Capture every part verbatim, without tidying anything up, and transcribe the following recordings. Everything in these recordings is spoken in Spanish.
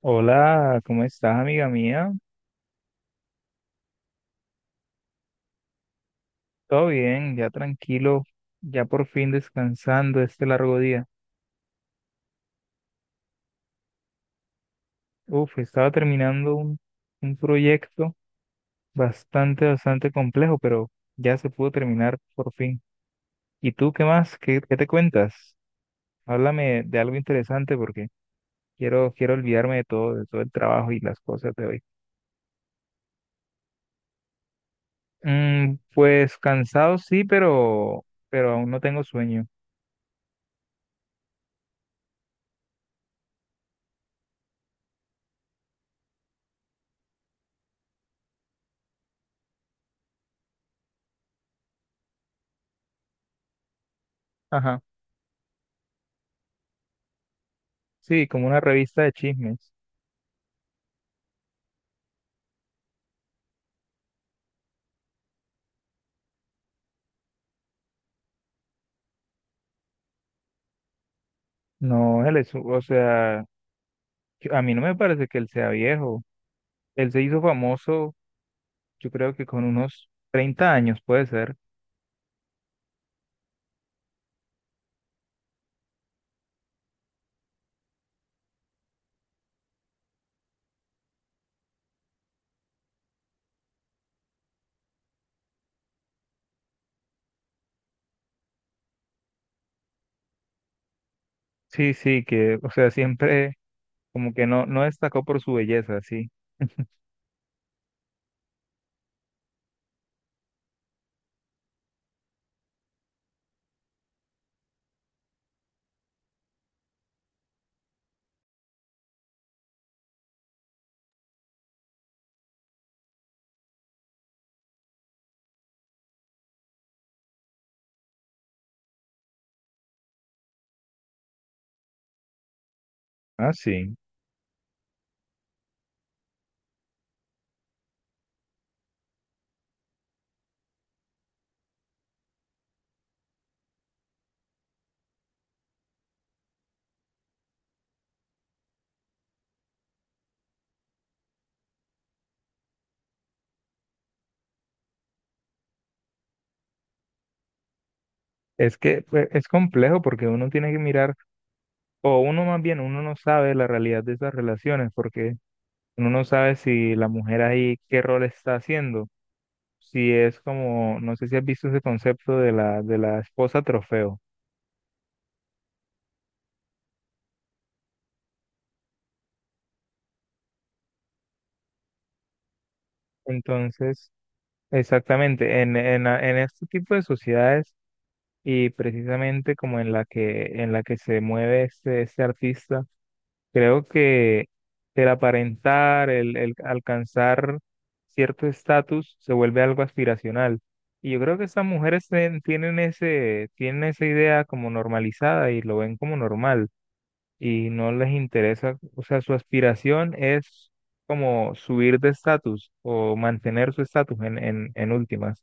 Hola, ¿cómo estás, amiga mía? Todo bien, ya tranquilo, ya por fin descansando este largo día. Uf, estaba terminando un, un proyecto bastante, bastante complejo, pero ya se pudo terminar por fin. ¿Y tú qué más? ¿Qué, qué te cuentas? Háblame de algo interesante porque quiero, quiero olvidarme de todo, de todo el trabajo y las cosas de hoy. Mm, pues cansado sí, pero, pero aún no tengo sueño. Ajá, sí, como una revista de chismes. No, él es, o sea, yo- a mí no me parece que él sea viejo. Él se hizo famoso, yo creo que con unos treinta años, puede ser. Sí, sí, que, o sea, siempre como que no, no destacó por su belleza, sí. Ah, sí. Es que pues, es complejo porque uno tiene que mirar, o uno más bien, uno no sabe la realidad de esas relaciones, porque uno no sabe si la mujer ahí qué rol está haciendo. Si es como, no sé si has visto ese concepto de la, de la esposa trofeo. Entonces, exactamente, en, en, la- en este tipo de sociedades y precisamente como en la que, en la que se mueve este, este artista, creo que el aparentar, el, el alcanzar cierto estatus se vuelve algo aspiracional. Y yo creo que estas mujeres ten- tienen ese, tienen esa idea como normalizada y lo ven como normal y no les interesa, o sea, su aspiración es como subir de estatus o mantener su estatus en, en, en últimas.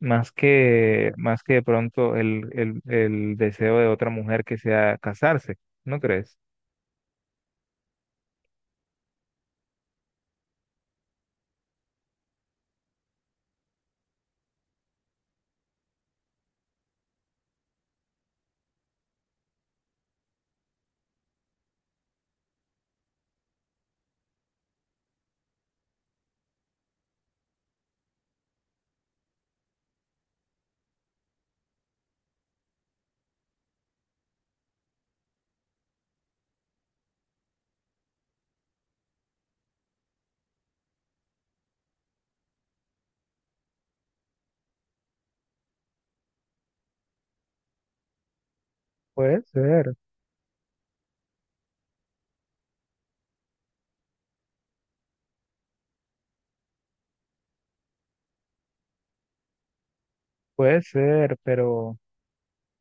Más que, más que de pronto el, el, el deseo de otra mujer que sea casarse, ¿no crees? Puede ser, puede ser, pero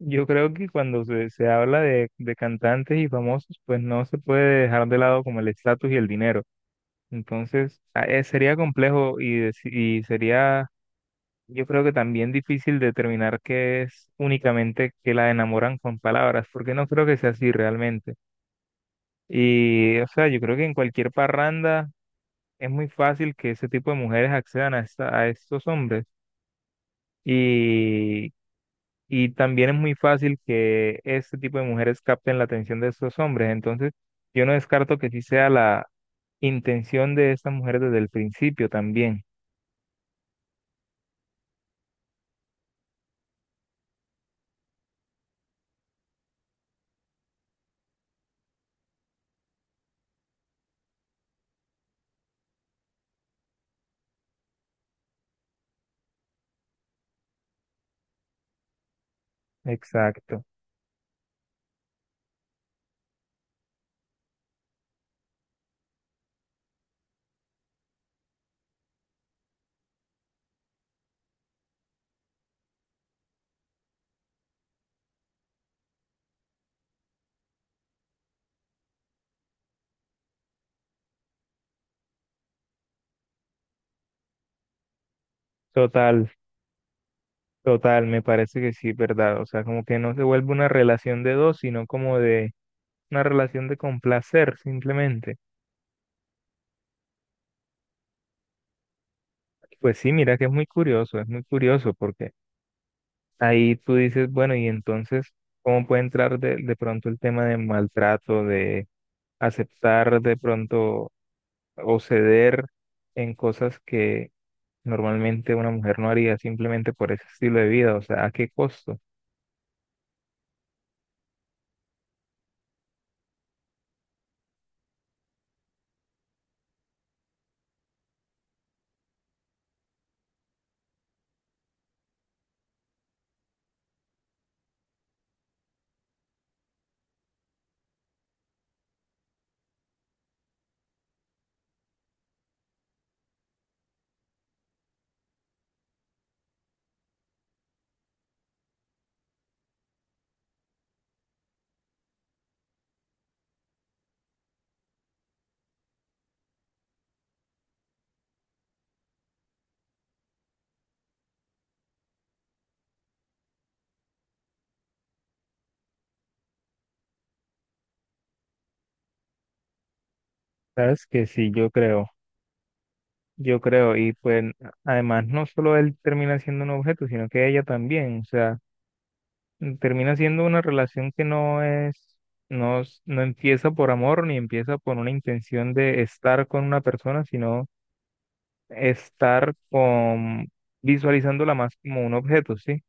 yo creo que cuando se, se habla de, de cantantes y famosos, pues no se puede dejar de lado como el estatus y el dinero. Entonces, a- eh, sería complejo y, deci- y sería, yo creo que también difícil determinar que es únicamente que la enamoran con palabras, porque no creo que sea así realmente. Y, o sea, yo creo que en cualquier parranda es muy fácil que ese tipo de mujeres accedan a, esta- a estos hombres y, y también es muy fácil que este tipo de mujeres capten la atención de estos hombres. Entonces, yo no descarto que sí sea la intención de estas mujeres desde el principio también. Exacto. Total, total, me parece que sí, ¿verdad? O sea, como que no se vuelve una relación de dos, sino como de una relación de complacer simplemente. Pues sí, mira que es muy curioso, es muy curioso porque ahí tú dices, bueno, y entonces, ¿cómo puede entrar de, de pronto el tema de maltrato, de aceptar de pronto o ceder en cosas que normalmente una mujer no haría simplemente por ese estilo de vida? O sea, ¿a qué costo? Sabes que sí, yo creo, yo creo, y pues además no solo él termina siendo un objeto, sino que ella también, o sea termina siendo una relación que no es, no, es- no empieza por amor ni empieza por una intención de estar con una persona, sino estar con, visualizándola más como un objeto, ¿sí?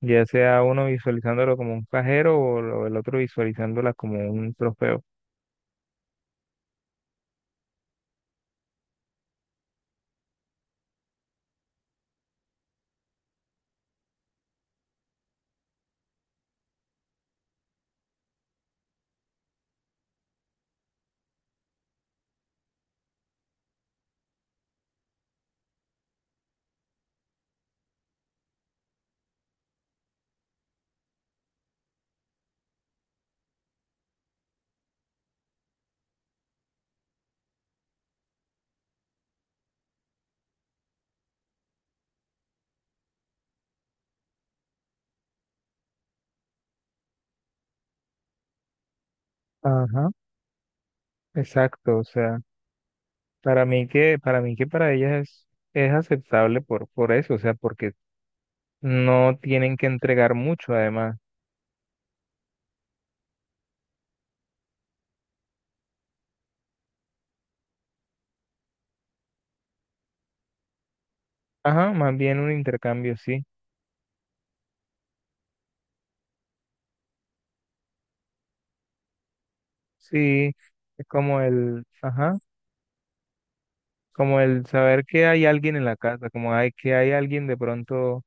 Ya sea uno visualizándolo como un cajero o lo- el otro visualizándola como un trofeo. Ajá, exacto, o sea, para mí que, para mí que para ellas es, es aceptable por, por eso, o sea, porque no tienen que entregar mucho además. Ajá, más bien un intercambio, sí. Sí, es como el, ajá, como el saber que hay alguien en la casa, como hay que hay alguien de pronto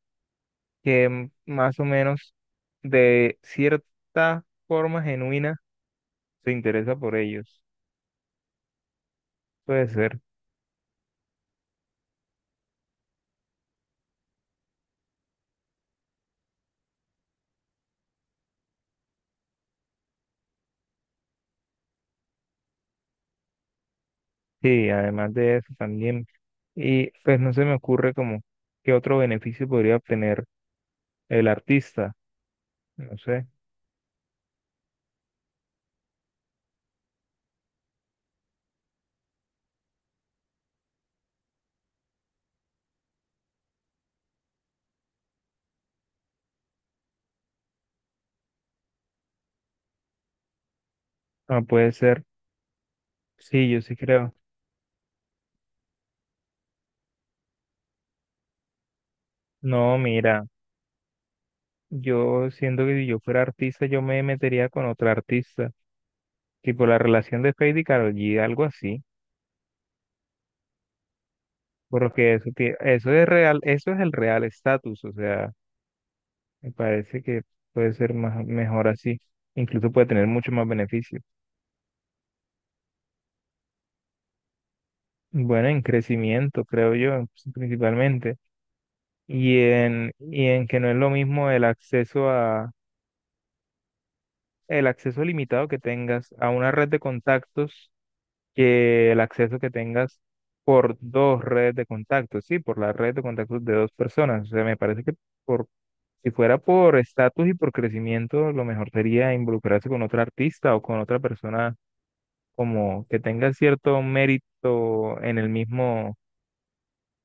que m- más o menos de cierta forma genuina se interesa por ellos. Puede ser. Sí, además de eso también. Y pues no se me ocurre como qué otro beneficio podría obtener el artista. No sé. Ah, puede ser. Sí, yo sí creo. No, mira, yo siento que si yo fuera artista, yo me metería con otra artista tipo la relación de Fade y Karol G, algo así, porque eso, tie- eso es real, eso es el real estatus, o sea, me parece que puede ser más, mejor así, incluso puede tener mucho más beneficio. Bueno, en crecimiento, creo yo, en- principalmente, y en, y en que no es lo mismo el acceso a, el acceso limitado que tengas a una red de contactos que el acceso que tengas por dos redes de contactos, sí, por la red de contactos de dos personas. O sea, me parece que por, si fuera por estatus y por crecimiento, lo mejor sería involucrarse con otro artista o con otra persona como que tenga cierto mérito en el mismo,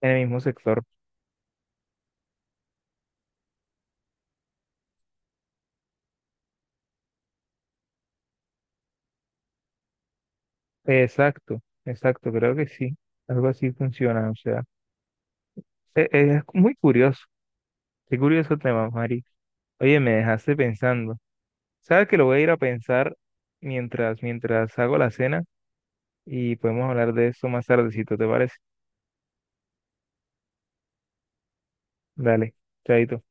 en el mismo sector. Exacto, exacto, creo que sí. Algo así funciona, o sea, e- e, es, muy curioso, qué curioso tema, Mari. Oye, me dejaste pensando. Sabes que lo voy a ir a pensar mientras, mientras hago la cena y podemos hablar de eso más tardecito, ¿te parece? Dale, chaito.